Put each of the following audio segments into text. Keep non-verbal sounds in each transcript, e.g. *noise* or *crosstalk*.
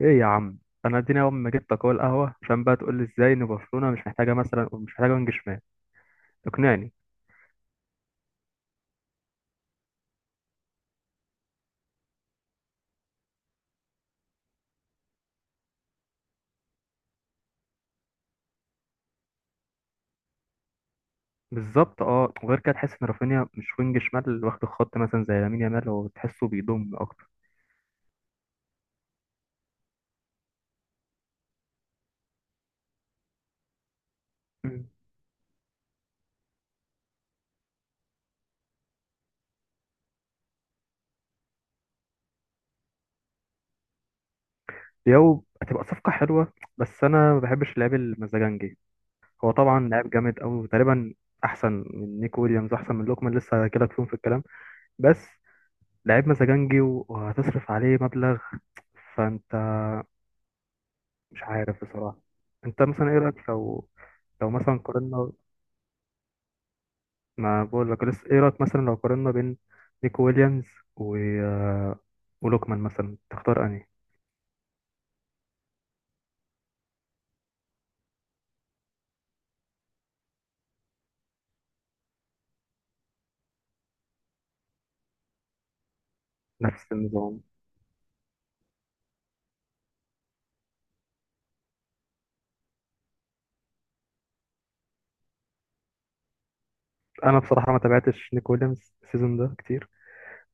ايه يا عم. انا اديني اول ما جبتك اهو القهوه عشان بقى تقول لي ازاي ان برشلونه مش محتاجه وينج شمال. اقنعني. بالظبط اه، وغير كده تحس ان رافينيا مش وينج شمال اللي واخد الخط مثلا زي لامين يامال، هو تحسه بيضم اكتر. مم. يو، هتبقى صفقه حلوه بس انا ما بحبش اللعيب المزاجنجي. هو طبعا لاعب جامد قوي، وتقريبا احسن من نيكو ويليامز، احسن من لوكمان، لسه هجيلك فيهم في الكلام. بس لعيب مزاجنجي وهتصرف عليه مبلغ، فانت مش عارف بصراحة. انت مثلا ايه رأيك لو، لو مثلا قارنا، ما بقول لك لسه ايه رأيك مثلا لو قارنا بين نيكو ويليامز و ولوكمان، مثلا تختار انهي؟ نفس النظام. انا بصراحة ما تابعتش نيكو ويليامز السيزون ده كتير.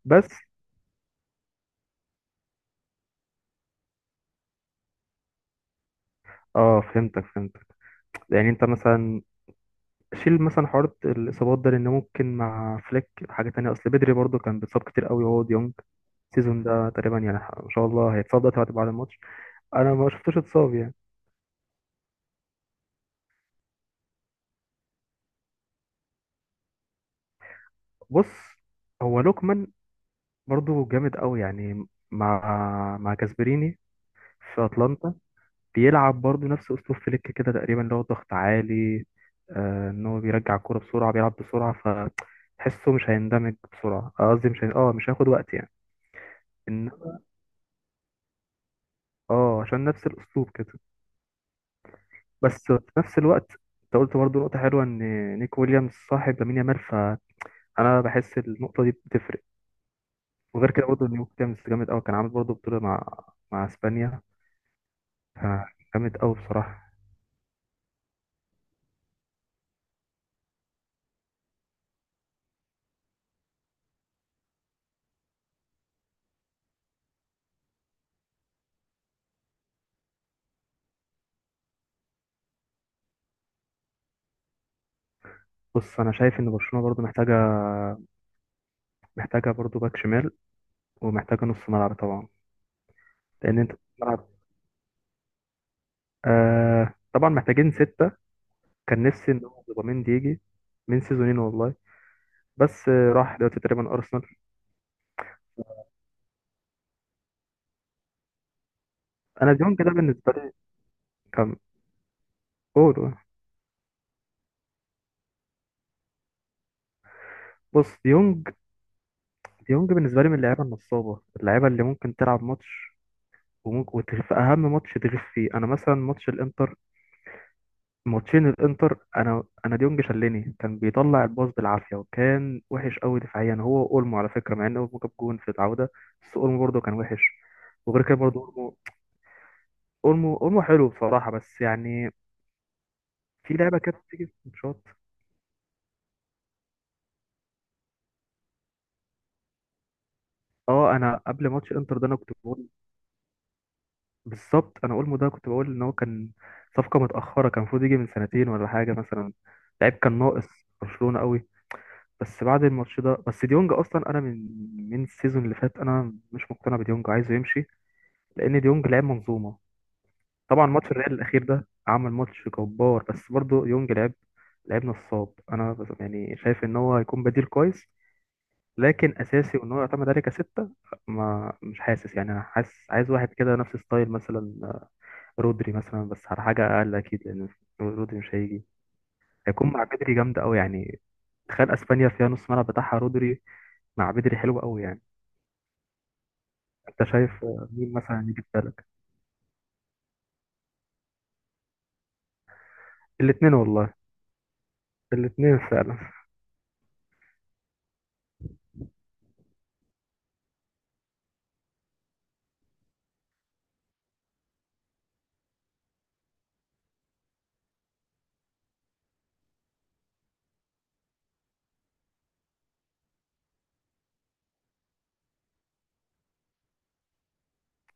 بس اه، فهمتك. يعني انت مثلا شيل مثلا حوار الاصابات ده، لان ممكن مع فليك حاجة تانية، اصل بدري برضو كان بيتصاب كتير قوي، وهو ديونج السيزون ده تقريبا يعني ان شاء الله هيتصاب دلوقتي بعد الماتش. انا ما شفتوش اتصاب يعني. بص، هو لوكمان برضو جامد قوي يعني، مع مع جاسبريني في اتلانتا، بيلعب برضو نفس اسلوب فليك كده تقريبا، اللي هو ضغط عالي. آه، ان هو بيرجع الكوره بسرعه، بيلعب بسرعه، فتحسه مش هيندمج بسرعه، آه، قصدي مش هي... اه مش هياخد وقت يعني. إن... اه عشان نفس الاسلوب كده. بس في نفس الوقت انت قلت برضو نقطه حلوه، ان نيك ويليامز صاحب لامين يامال، فانا بحس النقطه دي بتفرق. وغير كده برضه نيو كامس جامد قوي، كان عامل برضه بطولة مع مع اسبانيا. آه، جامد قوي بصراحة. بص، أنا شايف إن برشلونة برضو محتاجة، محتاجة برضو باك شمال، ومحتاجة نص ملعب طبعا. لأن أنت نص ملعب، آه طبعا محتاجين ستة. كان نفسي إن هو زوباميندي يجي من سيزونين والله، بس راح دلوقتي تقريبا أرسنال. أنا ديونج ده بالنسبة لي كان، قول بص، ديونج، ديونج بالنسبة لي من اللعيبة النصابة، اللعيبة اللي ممكن تلعب ماتش وممكن في أهم ماتش تغيب فيه. أنا مثلا ماتش الإنتر، ماتشين الانتر، انا ديونج شلني، كان بيطلع الباص بالعافيه وكان وحش قوي دفاعيا. هو اولمو على فكره، مع ان اولمو جاب جون في العوده بس اولمو برضه كان وحش. وغير كده برضه اولمو اولمو حلو بصراحه، بس يعني في لعبه كده بتيجي في الماتشات. اه، انا قبل ماتش انتر ده انا كنت بقول، بالظبط، انا اولمو ده كنت بقول ان هو كان صفقه متاخره، كان المفروض يجي من سنتين ولا حاجه مثلا، لعيب كان ناقص برشلونه قوي. بس بعد الماتش ده، بس ديونج اصلا انا من السيزون اللي فات انا مش مقتنع بديونج، عايزه يمشي. لان ديونج لعب منظومه طبعا، ماتش الريال الاخير ده عمل ماتش جبار، بس برضه ديونج لعب نصاب. يعني شايف ان هو هيكون بديل كويس، لكن اساسي وان هو يعتمد عليه كستة، ما مش حاسس يعني. انا حاسس عايز واحد كده نفس ستايل مثلا رودري مثلا، بس على حاجه اقل اكيد لان رودري مش هيجي. هيكون مع بدري جامدة أوي يعني، تخيل أسبانيا فيها نص ملعب بتاعها رودري مع بدري، حلو أوي يعني. أنت شايف مين مثلا يجي في بالك؟ الاتنين والله، الاتنين فعلا.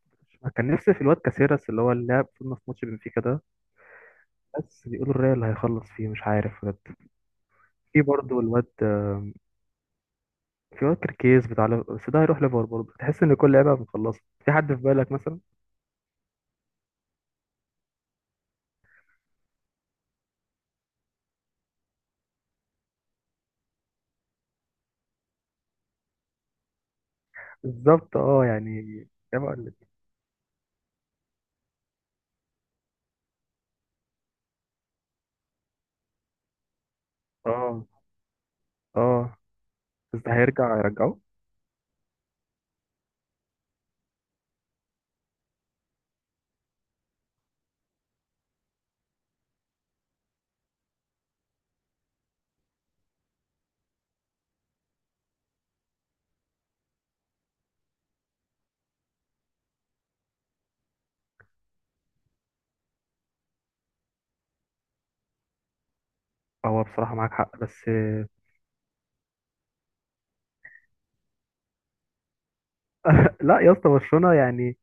*laughs* أنا كان نفسي في الواد كاسيراس اللي هو اللي لعب في نص ماتش بنفيكا ده، بس بيقولوا الريال هيخلص فيه مش عارف بجد. في برضه الواد، في واد كركيز بتاع بس ده هيروح ليفر برضه. تحس ان كل لعيبه مخلصه. في حد في بالك مثلا؟ بالظبط اه يعني، لعيبه قلت. اه. اه، بس ده هيرجع يرجعه. هو بصراحه معاك حق بس، *laughs* لا يا اسطى، برشلونه يعني،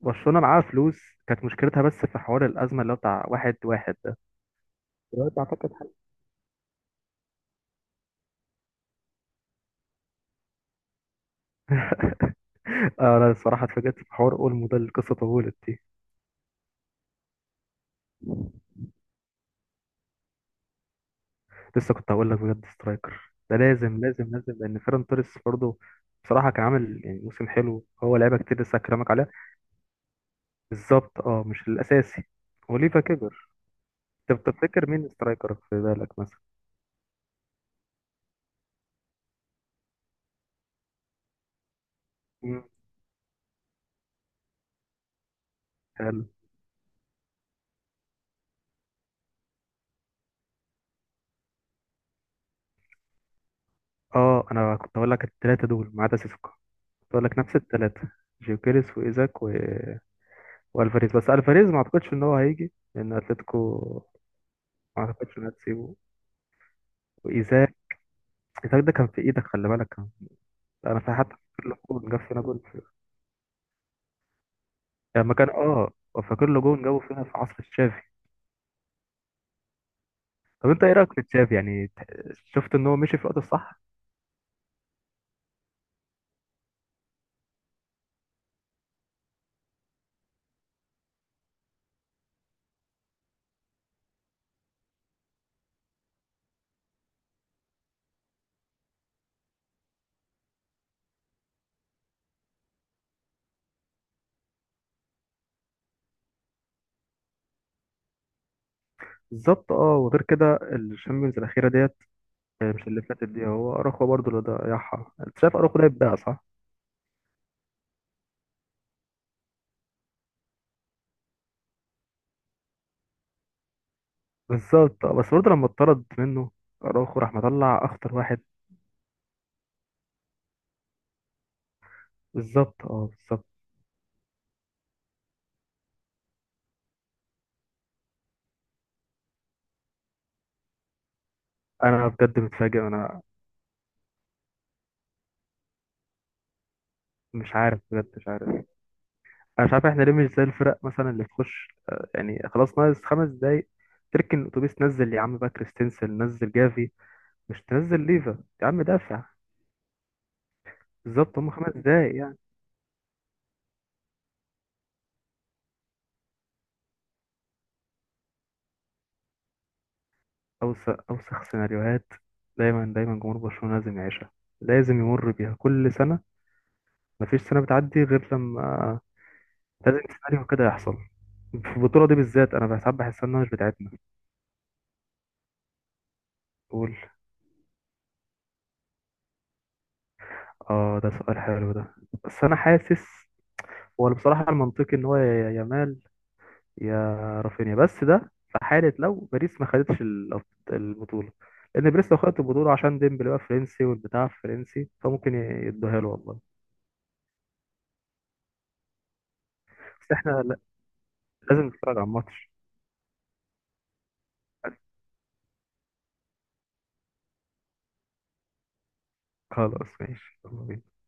برشلونه معاها فلوس. كانت مشكلتها بس في حوار الازمه اللي هو بتاع واحد واحد ده، دلوقتي اعتقد حل. انا الصراحه اتفاجئت في حوار اولمو ده، القصه طولت دي. لسه كنت هقول لك بجد، سترايكر ده لازم لازم لازم، لان فيران توريس برضه بصراحه كان عامل يعني موسم حلو، هو لعيبه كتير لسه هكلمك عليها. بالظبط اه، مش الاساسي. وليفا كبر. انت بتفتكر مين سترايكر في بالك مثلا؟ مم. حلو. اه انا كنت هقول لك الثلاثه دول ما عدا سيسكو. بقول لك نفس الثلاثة، جيوكيريس وإيزاك و... والفاريز. بس الفاريز ما اعتقدش ان هو هيجي، لان اتلتيكو ما اعتقدش انها تسيبه. وايزاك، ايزاك ده كان في ايدك، خلي بالك كان، انا في حتى فاكر له جون، جاب فينا جون في-، يعني لما كان اه، فاكر له جون جابه فينا في عصر تشافي. طب انت ايه رايك في تشافي يعني؟ شفت ان هو مشي في الوقت الصح. بالظبط اه، وغير كده الشامبيونز الاخيره ديت، مش اللي فاتت دي. هو اراخو برضه اللي ضيعها، انت شايف اراخو ده يتباع؟ صح، بالظبط اه، بس برضه لما اتطرد منه اراوخو راح مطلع اخطر واحد. بالظبط اه، بالظبط. انا بجد متفاجئ، انا مش عارف بجد، مش عارف. انا مش عارف احنا ليه مش زي الفرق مثلا اللي تخش يعني خلاص، ناقص خمس دقايق، تركن الاتوبيس، نزل يا عم بقى كريستنسن، نزل جافي، مش تنزل ليفا يا عم. دافع، بالظبط، هم خمس دقايق يعني. اوسخ اوسخ سيناريوهات دايما دايما جمهور برشلونة لازم يعيشها، لازم يمر بيها كل سنة. مفيش سنة بتعدي غير لما، لازم سيناريو كده يحصل. في البطولة دي بالذات أنا ساعات بحس إنها مش بتاعتنا. تقول. آه، ده سؤال حلو ده. بس أنا حاسس، هو بصراحة المنطقي إن هو يا يامال، يا رافينيا، بس ده في حالة لو باريس ما خدتش البطولة. لأن باريس لو خدت البطولة، عشان ديمبلي بقى فرنسي والبتاع فرنسي، فممكن يدوها له والله. بس إحنا لا- لازم نتفرج على الماتش. خلاص ماشي، يلا بينا.